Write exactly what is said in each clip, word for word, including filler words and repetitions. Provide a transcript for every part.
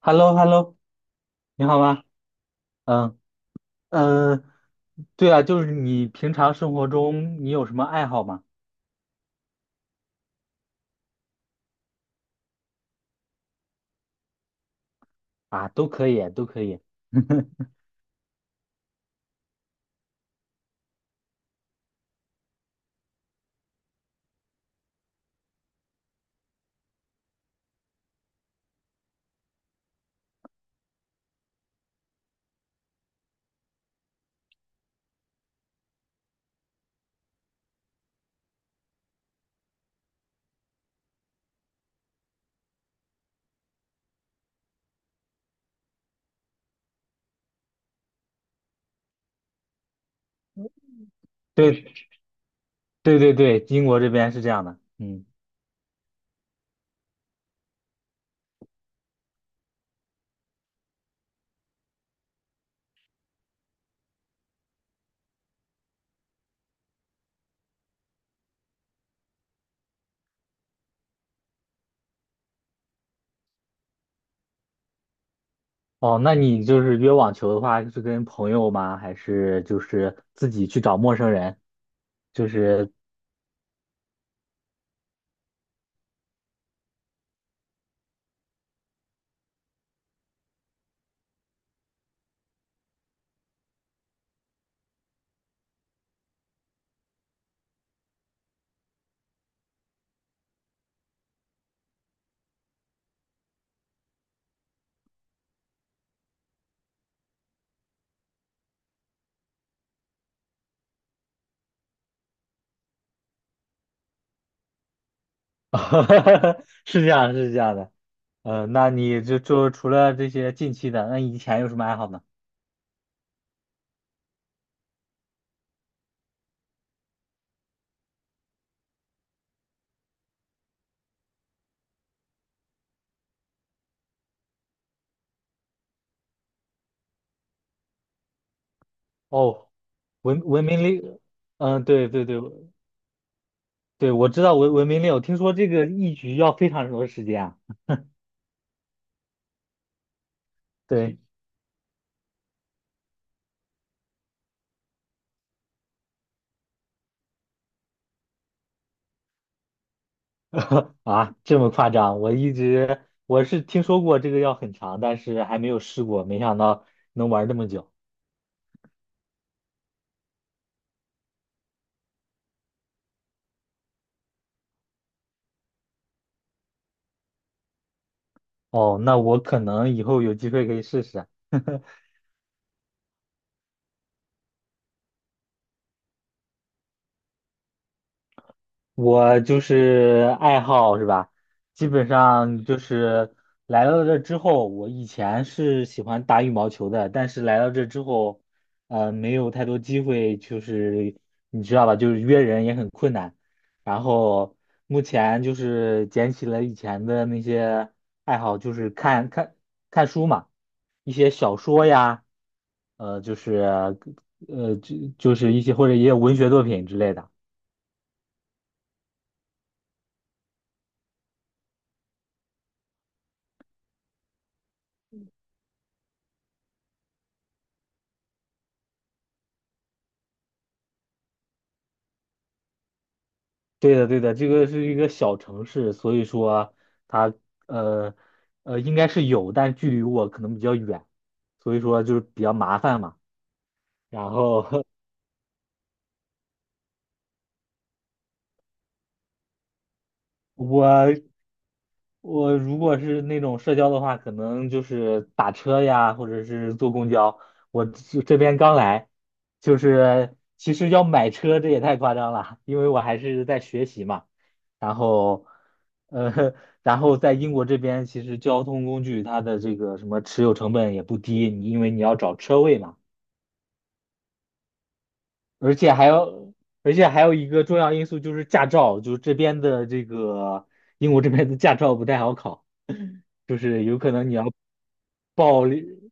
h e l l o h e l l o 你好吗？嗯嗯，呃对啊，就是你平常生活中你有什么爱好吗？啊，都可以，都可以。对对对对，英国这边是这样的。嗯，哦，那你就是约网球的话，是跟朋友吗？还是就是自己去找陌生人？就是，是这样，是这样的。呃，那你就就除了这些近期的，那以前有什么爱好呢？哦，文文明历，嗯，对对对，对，我知道文文明令，我听说这个一局要非常多时间啊。对，啊，这么夸张？我一直我是听说过这个要很长，但是还没有试过，没想到能玩这么久。哦，那我可能以后有机会可以试试。我就是爱好是吧？基本上就是来到这之后，我以前是喜欢打羽毛球的，但是来到这之后，呃，没有太多机会，就是你知道吧，就是约人也很困难。然后目前就是捡起了以前的那些爱好，就是看看看书嘛，一些小说呀，呃，就是呃，就就是一些或者也有文学作品之类的。对的，对的，这个是一个小城市，所以说它呃呃应该是有，但距离我可能比较远，所以说就是比较麻烦嘛。然后 我我如果是那种社交的话，可能就是打车呀，或者是坐公交。我这这边刚来，就是其实要买车，这也太夸张了，因为我还是在学习嘛。然后，呃，然后在英国这边，其实交通工具它的这个什么持有成本也不低，你因为你要找车位嘛。而且还有，而且还有一个重要因素就是驾照，就是这边的这个英国这边的驾照不太好考，就是有可能你要报绿，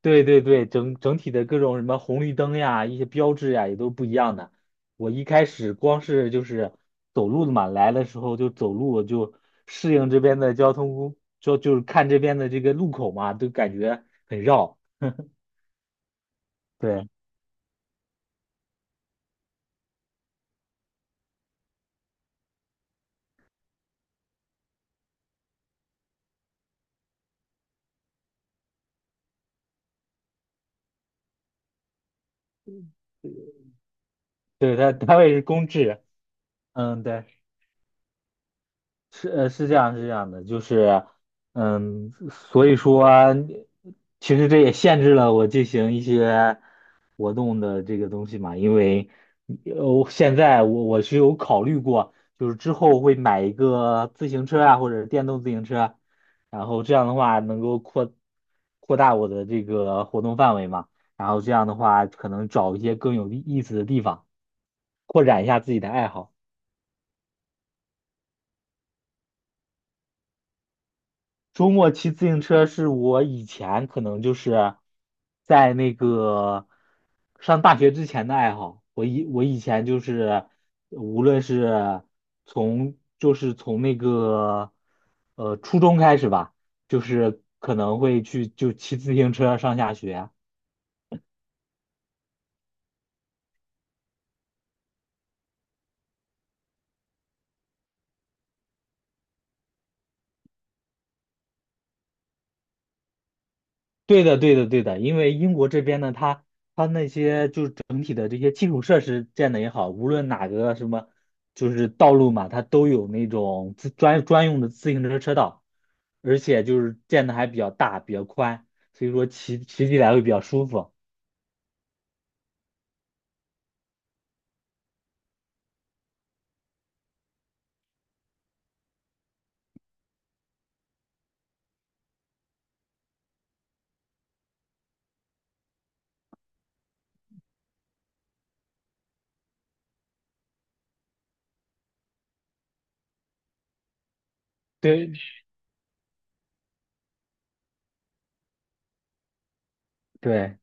对对对，整整体的各种什么红绿灯呀、一些标志呀也都不一样的。我一开始光是就是走路的嘛，来的时候就走路就适应这边的交通工，就就是看这边的这个路口嘛，都感觉很绕。对，对，它单位是公制，嗯，对。是呃是这样是这样的，就是嗯，所以说其实这也限制了我进行一些活动的这个东西嘛，因为呃现在我我是有考虑过，就是之后会买一个自行车啊或者电动自行车，然后这样的话能够扩扩大我的这个活动范围嘛，然后这样的话可能找一些更有意思的地方，扩展一下自己的爱好。周末骑自行车是我以前可能就是在那个上大学之前的爱好。我以我以前就是无论是从就是从那个呃初中开始吧，就是可能会去就骑自行车上下学。对的，对的，对的，因为英国这边呢，它它那些就是整体的这些基础设施建的也好，无论哪个什么就是道路嘛，它都有那种自专专用的自行车车道，而且就是建的还比较大，比较宽，所以说骑骑起来会比较舒服。对，对。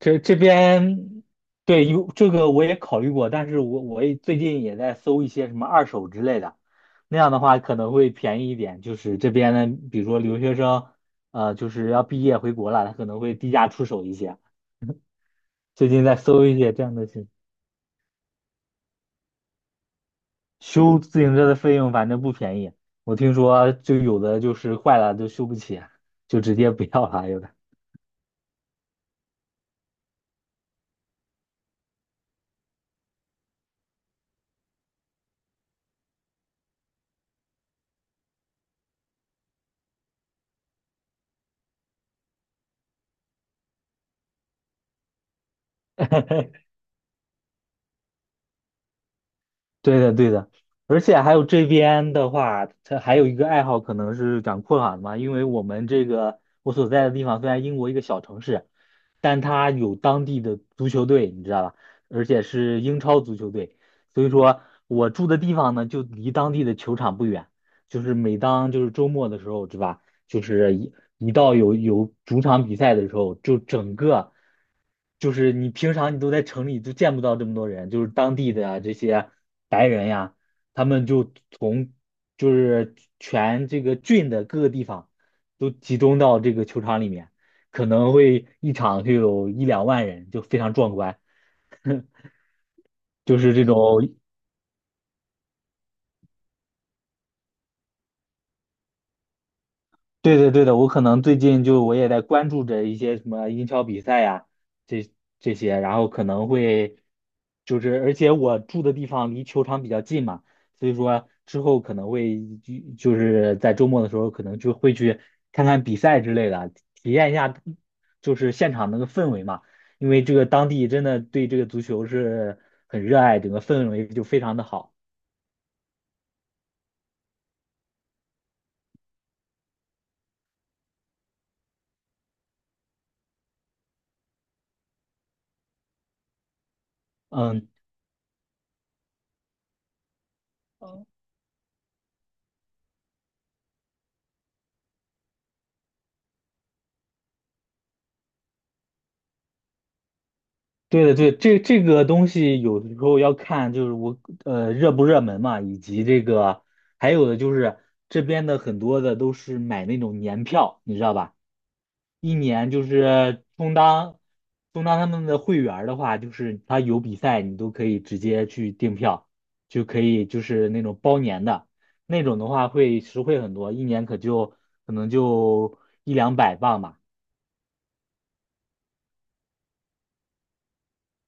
这这边对有这个我也考虑过，但是我我也最近也在搜一些什么二手之类的，那样的话可能会便宜一点。就是这边呢，比如说留学生，呃，就是要毕业回国了，他可能会低价出手一些。最近在搜一些这样的信息修自行车的费用，反正不便宜。我听说就有的就是坏了就修不起，就直接不要了，有的。对的，对的，而且还有这边的话，它还有一个爱好可能是讲困的嘛，因为我们这个我所在的地方虽然英国一个小城市，但它有当地的足球队，你知道吧？而且是英超足球队，所以说我住的地方呢就离当地的球场不远，就是每当就是周末的时候，是吧？就是一一到有有主场比赛的时候，就整个。就是你平常你都在城里都见不到这么多人，就是当地的呀这些白人呀，他们就从就是全这个郡的各个地方都集中到这个球场里面，可能会一场就有一两万人，就非常壮观，就是这种对的，对的，我可能最近就我也在关注着一些什么英超比赛呀，这这些，然后可能会就是，而且我住的地方离球场比较近嘛，所以说之后可能会就就是在周末的时候可能就会去看看比赛之类的，体验一下就是现场那个氛围嘛，因为这个当地真的对这个足球是很热爱，整个氛围就非常的好。嗯，对的，对，这这个东西有的时候要看，就是我呃热不热门嘛，以及这个还有的就是这边的很多的都是买那种年票，你知道吧？一年就是充当充当他们的会员儿的话，就是他有比赛你都可以直接去订票，就可以就是那种包年的那种的话会实惠很多，一年可就可能就一两百磅吧。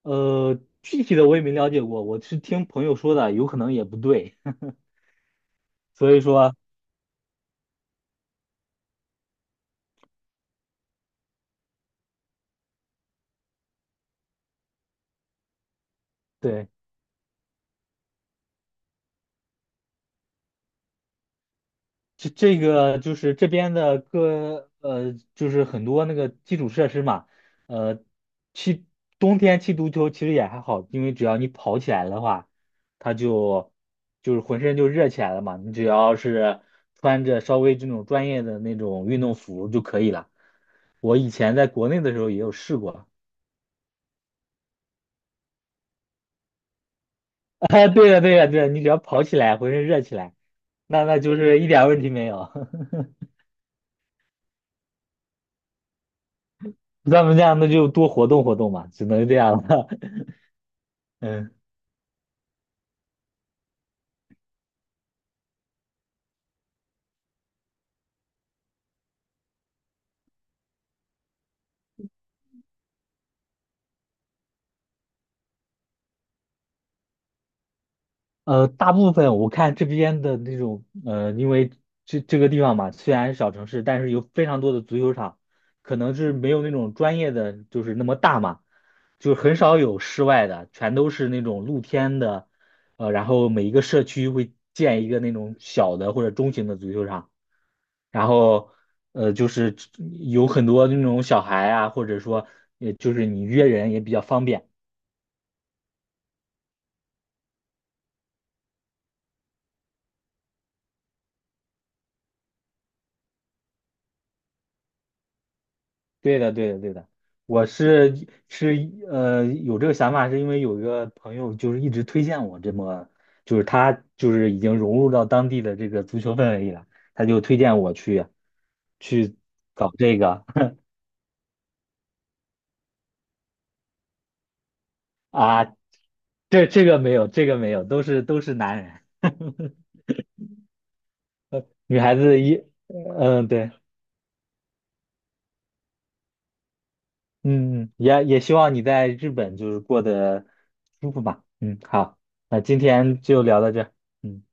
呃，具体的我也没了解过，我是听朋友说的，有可能也不对，所以说，对，这这个就是这边的各呃，就是很多那个基础设施嘛，呃，踢冬天踢足球其实也还好，因为只要你跑起来的话，它就就是浑身就热起来了嘛，你只要是穿着稍微这种专业的那种运动服就可以了。我以前在国内的时候也有试过。啊，对的对的对的，你只要跑起来，浑身热起来，那那就是一点问题没有。咱们这样，那就多活动活动嘛，只能这样了。嗯，呃，大部分我看这边的那种，呃，因为这这个地方嘛，虽然是小城市，但是有非常多的足球场，可能是没有那种专业的，就是那么大嘛，就很少有室外的，全都是那种露天的，呃，然后每一个社区会建一个那种小的或者中型的足球场。然后呃，就是有很多那种小孩啊，或者说，也就是你约人也比较方便。对的，对的，对的。我是是呃有这个想法，是因为有一个朋友就是一直推荐我这么，就是他就是已经融入到当地的这个足球氛围里了，他就推荐我去去搞这个 啊，这这个没有，这个没有，都是都是男人，女孩子一嗯、呃对。嗯，也也希望你在日本就是过得舒服吧。嗯，好，那今天就聊到这儿嗯。